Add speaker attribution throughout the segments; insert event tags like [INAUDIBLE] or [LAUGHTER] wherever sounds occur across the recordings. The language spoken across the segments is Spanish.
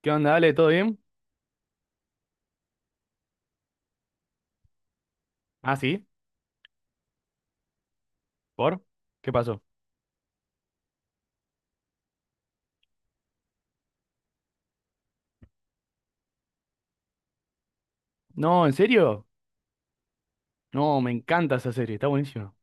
Speaker 1: ¿Qué onda, Ale? ¿Todo bien? Ah, sí. ¿Por? ¿Qué pasó? No, ¿en serio? No, me encanta esa serie, está buenísima.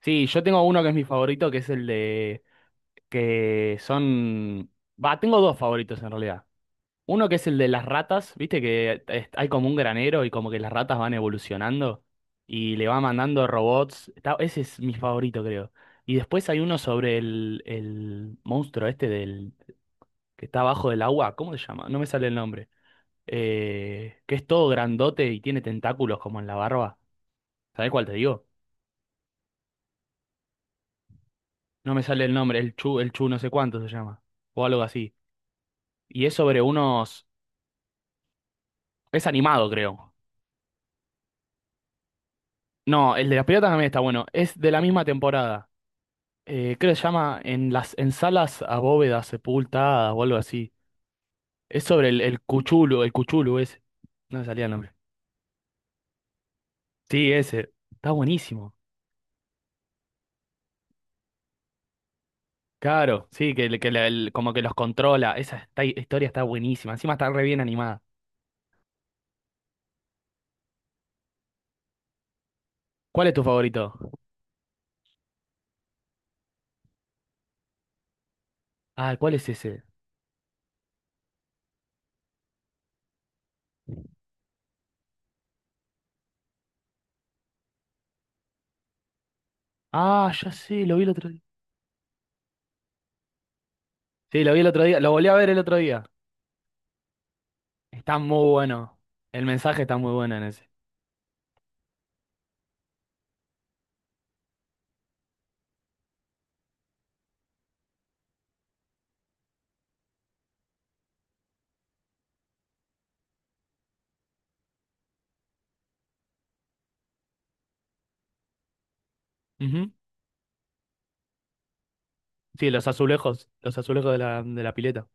Speaker 1: Sí, yo tengo uno que es mi favorito, que es el de... que son... Va, tengo dos favoritos en realidad. Uno que es el de las ratas, viste que hay como un granero y como que las ratas van evolucionando y le va mandando robots. Ese es mi favorito, creo. Y después hay uno sobre el monstruo este del... que está abajo del agua. ¿Cómo se llama? No me sale el nombre. Que es todo grandote y tiene tentáculos como en la barba. ¿Sabés cuál te digo? No me sale el nombre, el Chu no sé cuánto se llama, o algo así. Y es sobre unos... Es animado, creo. No, el de las piratas también está bueno. Es de la misma temporada. Creo que se llama En las en salas a bóvedas sepultadas o algo así. Es sobre el Cuchulu ese. No me salía el nombre. Sí, ese. Está buenísimo. Claro, sí, que, como que los controla. Historia está buenísima. Encima está re bien animada. ¿Cuál es tu favorito? Ah, ¿cuál es ese? Ah, ya sé, lo vi el otro día. Sí, lo vi el otro día, lo volví a ver el otro día. Está muy bueno. El mensaje está muy bueno en ese. Ujú. Sí, los azulejos de la pileta.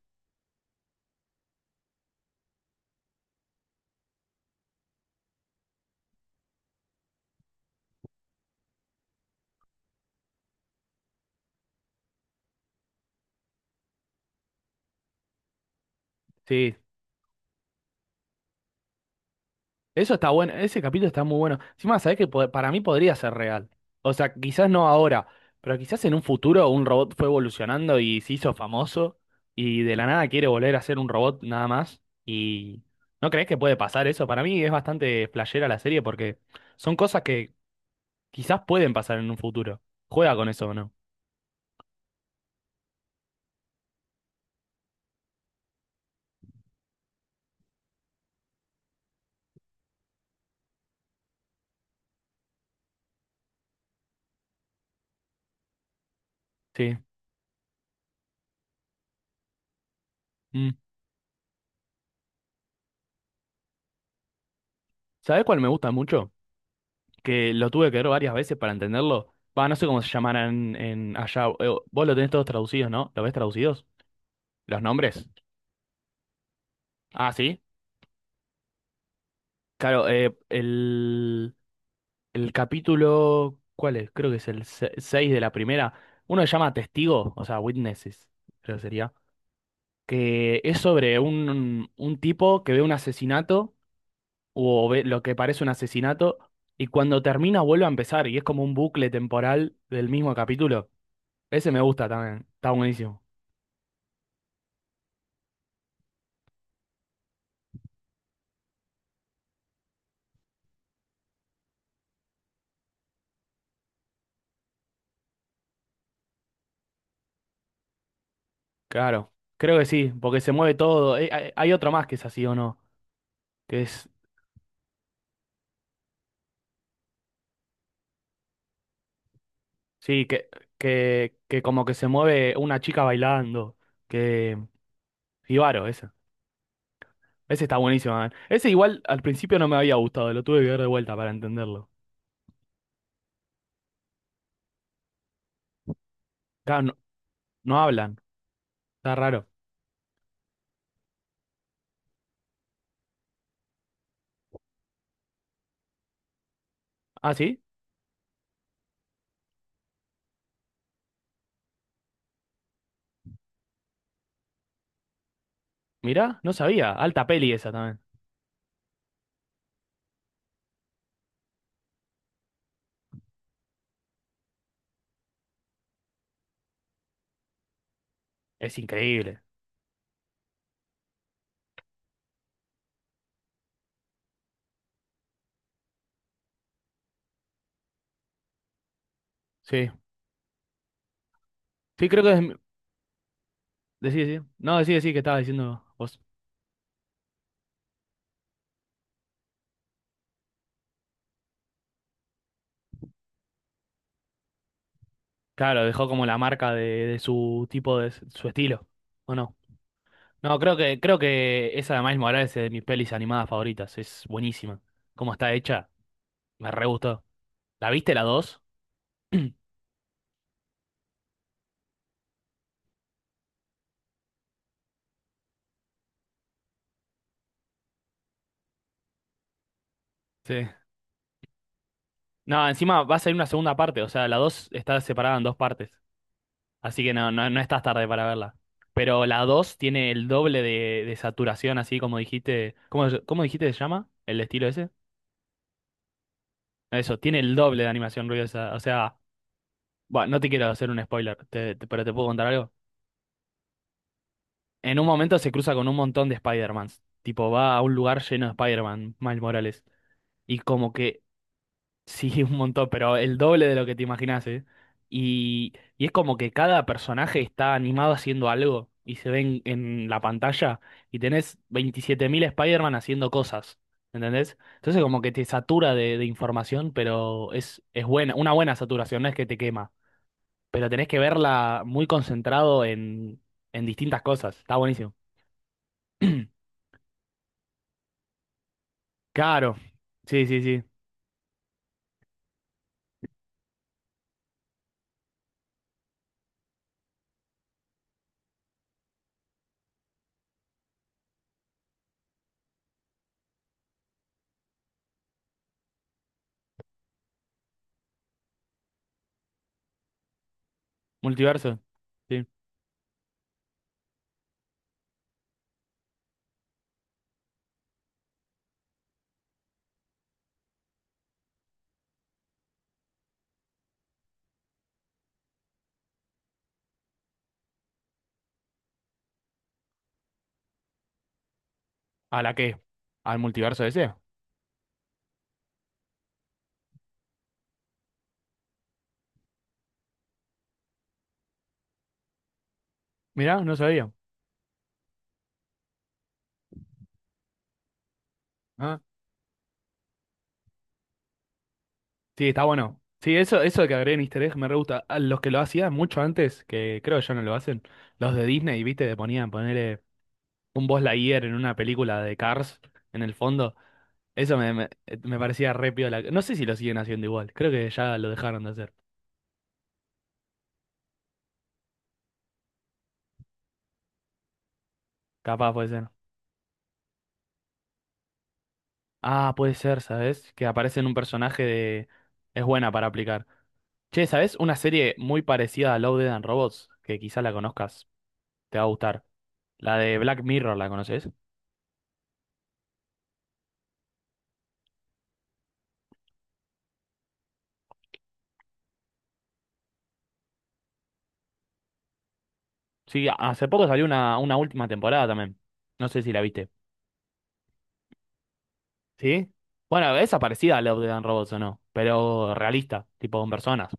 Speaker 1: Sí, eso está bueno, ese capítulo está muy bueno. Encima, sabés que para mí podría ser real. O sea, quizás no ahora, pero quizás en un futuro un robot fue evolucionando y se hizo famoso y de la nada quiere volver a ser un robot nada más. ¿Y no crees que puede pasar eso? Para mí es bastante flashera la serie porque son cosas que quizás pueden pasar en un futuro. Juega con eso o no. Sí. Mm. ¿Sabés cuál me gusta mucho? Que lo tuve que ver varias veces para entenderlo. Va, no sé cómo se llamarán en allá. Vos lo tenés todos traducidos, ¿no? ¿Lo ves traducidos? ¿Los nombres? Ah, sí. Claro, el capítulo, ¿cuál es? Creo que es el 6 de la primera. Uno se llama Testigo, o sea, Witnesses, creo que sería. Que es sobre un tipo que ve un asesinato, o ve lo que parece un asesinato, y cuando termina vuelve a empezar, y es como un bucle temporal del mismo capítulo. Ese me gusta también, está buenísimo. Claro, creo que sí, porque se mueve todo. Hay otro más que es así o no, que es sí, que como que se mueve una chica bailando. Que. Ibaro, ese. Ese está buenísimo, man. Ese igual al principio no me había gustado, lo tuve que ver de vuelta para entenderlo. Claro, no, no hablan, está raro. Ah, sí, mirá, no sabía. Alta peli esa también. Es increíble. Sí. Sí, creo que es. Decí, decí. No, decí, decí que estaba diciendo vos. Claro, dejó como la marca de su tipo de su estilo. ¿O no? No, creo que esa de Miles Morales es de mis pelis animadas favoritas. Es buenísima. ¿Cómo está hecha? Me re gustó. ¿La viste la 2 [CLEARS THROAT] sí. No, encima va a salir una segunda parte, o sea, la 2 está separada en dos partes, así que no, no, no estás tarde para verla. Pero la 2 tiene el doble de saturación, así como dijiste, ¿cómo dijiste que se llama? ¿El estilo ese? Eso, tiene el doble de animación ruidosa, o sea, bueno, no te quiero hacer un spoiler, pero te puedo contar algo. En un momento se cruza con un montón de Spider-Mans, tipo va a un lugar lleno de Spider-Man, Miles Morales, y como que sí, un montón, pero el doble de lo que te imaginas, ¿eh? Y es como que cada personaje está animado haciendo algo y se ven en la pantalla y tenés 27.000 Spider-Man haciendo cosas, ¿entendés? Entonces como que te satura de información, pero es buena, una buena saturación, no es que te quema, pero tenés que verla muy concentrado en distintas cosas, está buenísimo. [CLEARS THROAT] Claro, sí, sí, sí, multiverso, sí. ¿A la qué? ¿Al multiverso ese? Mirá, no sabía. Ah. Sí, está bueno. Sí, eso de que agreguen easter egg me re gusta. A los que lo hacían mucho antes, que creo que ya no lo hacen, los de Disney, ¿viste? Que ponían ponerle un Buzz Lightyear en una película de Cars en el fondo. Me parecía re piola. No sé si lo siguen haciendo igual. Creo que ya lo dejaron de hacer. Capaz puede ser. Ah, puede ser, ¿sabes? Que aparece en un personaje de... Es buena para aplicar. Che, ¿sabes? Una serie muy parecida a Love, Dead and Robots, que quizá la conozcas. Te va a gustar. La de Black Mirror, ¿la conoces? Sí, hace poco salió una última temporada también. No sé si la viste. ¿Sí? Bueno, esa es parecida a Love, Death and Robots o no, pero realista, tipo con personas.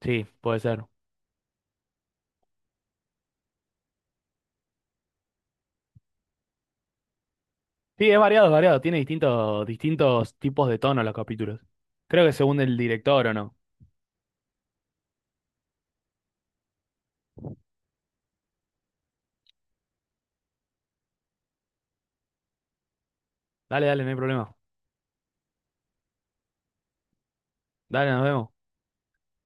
Speaker 1: Sí, puede ser. Sí, es variado, es variado. Tiene distintos, distintos tipos de tono los capítulos. Creo que según el director o no. Dale, dale, no hay problema. Dale, nos vemos.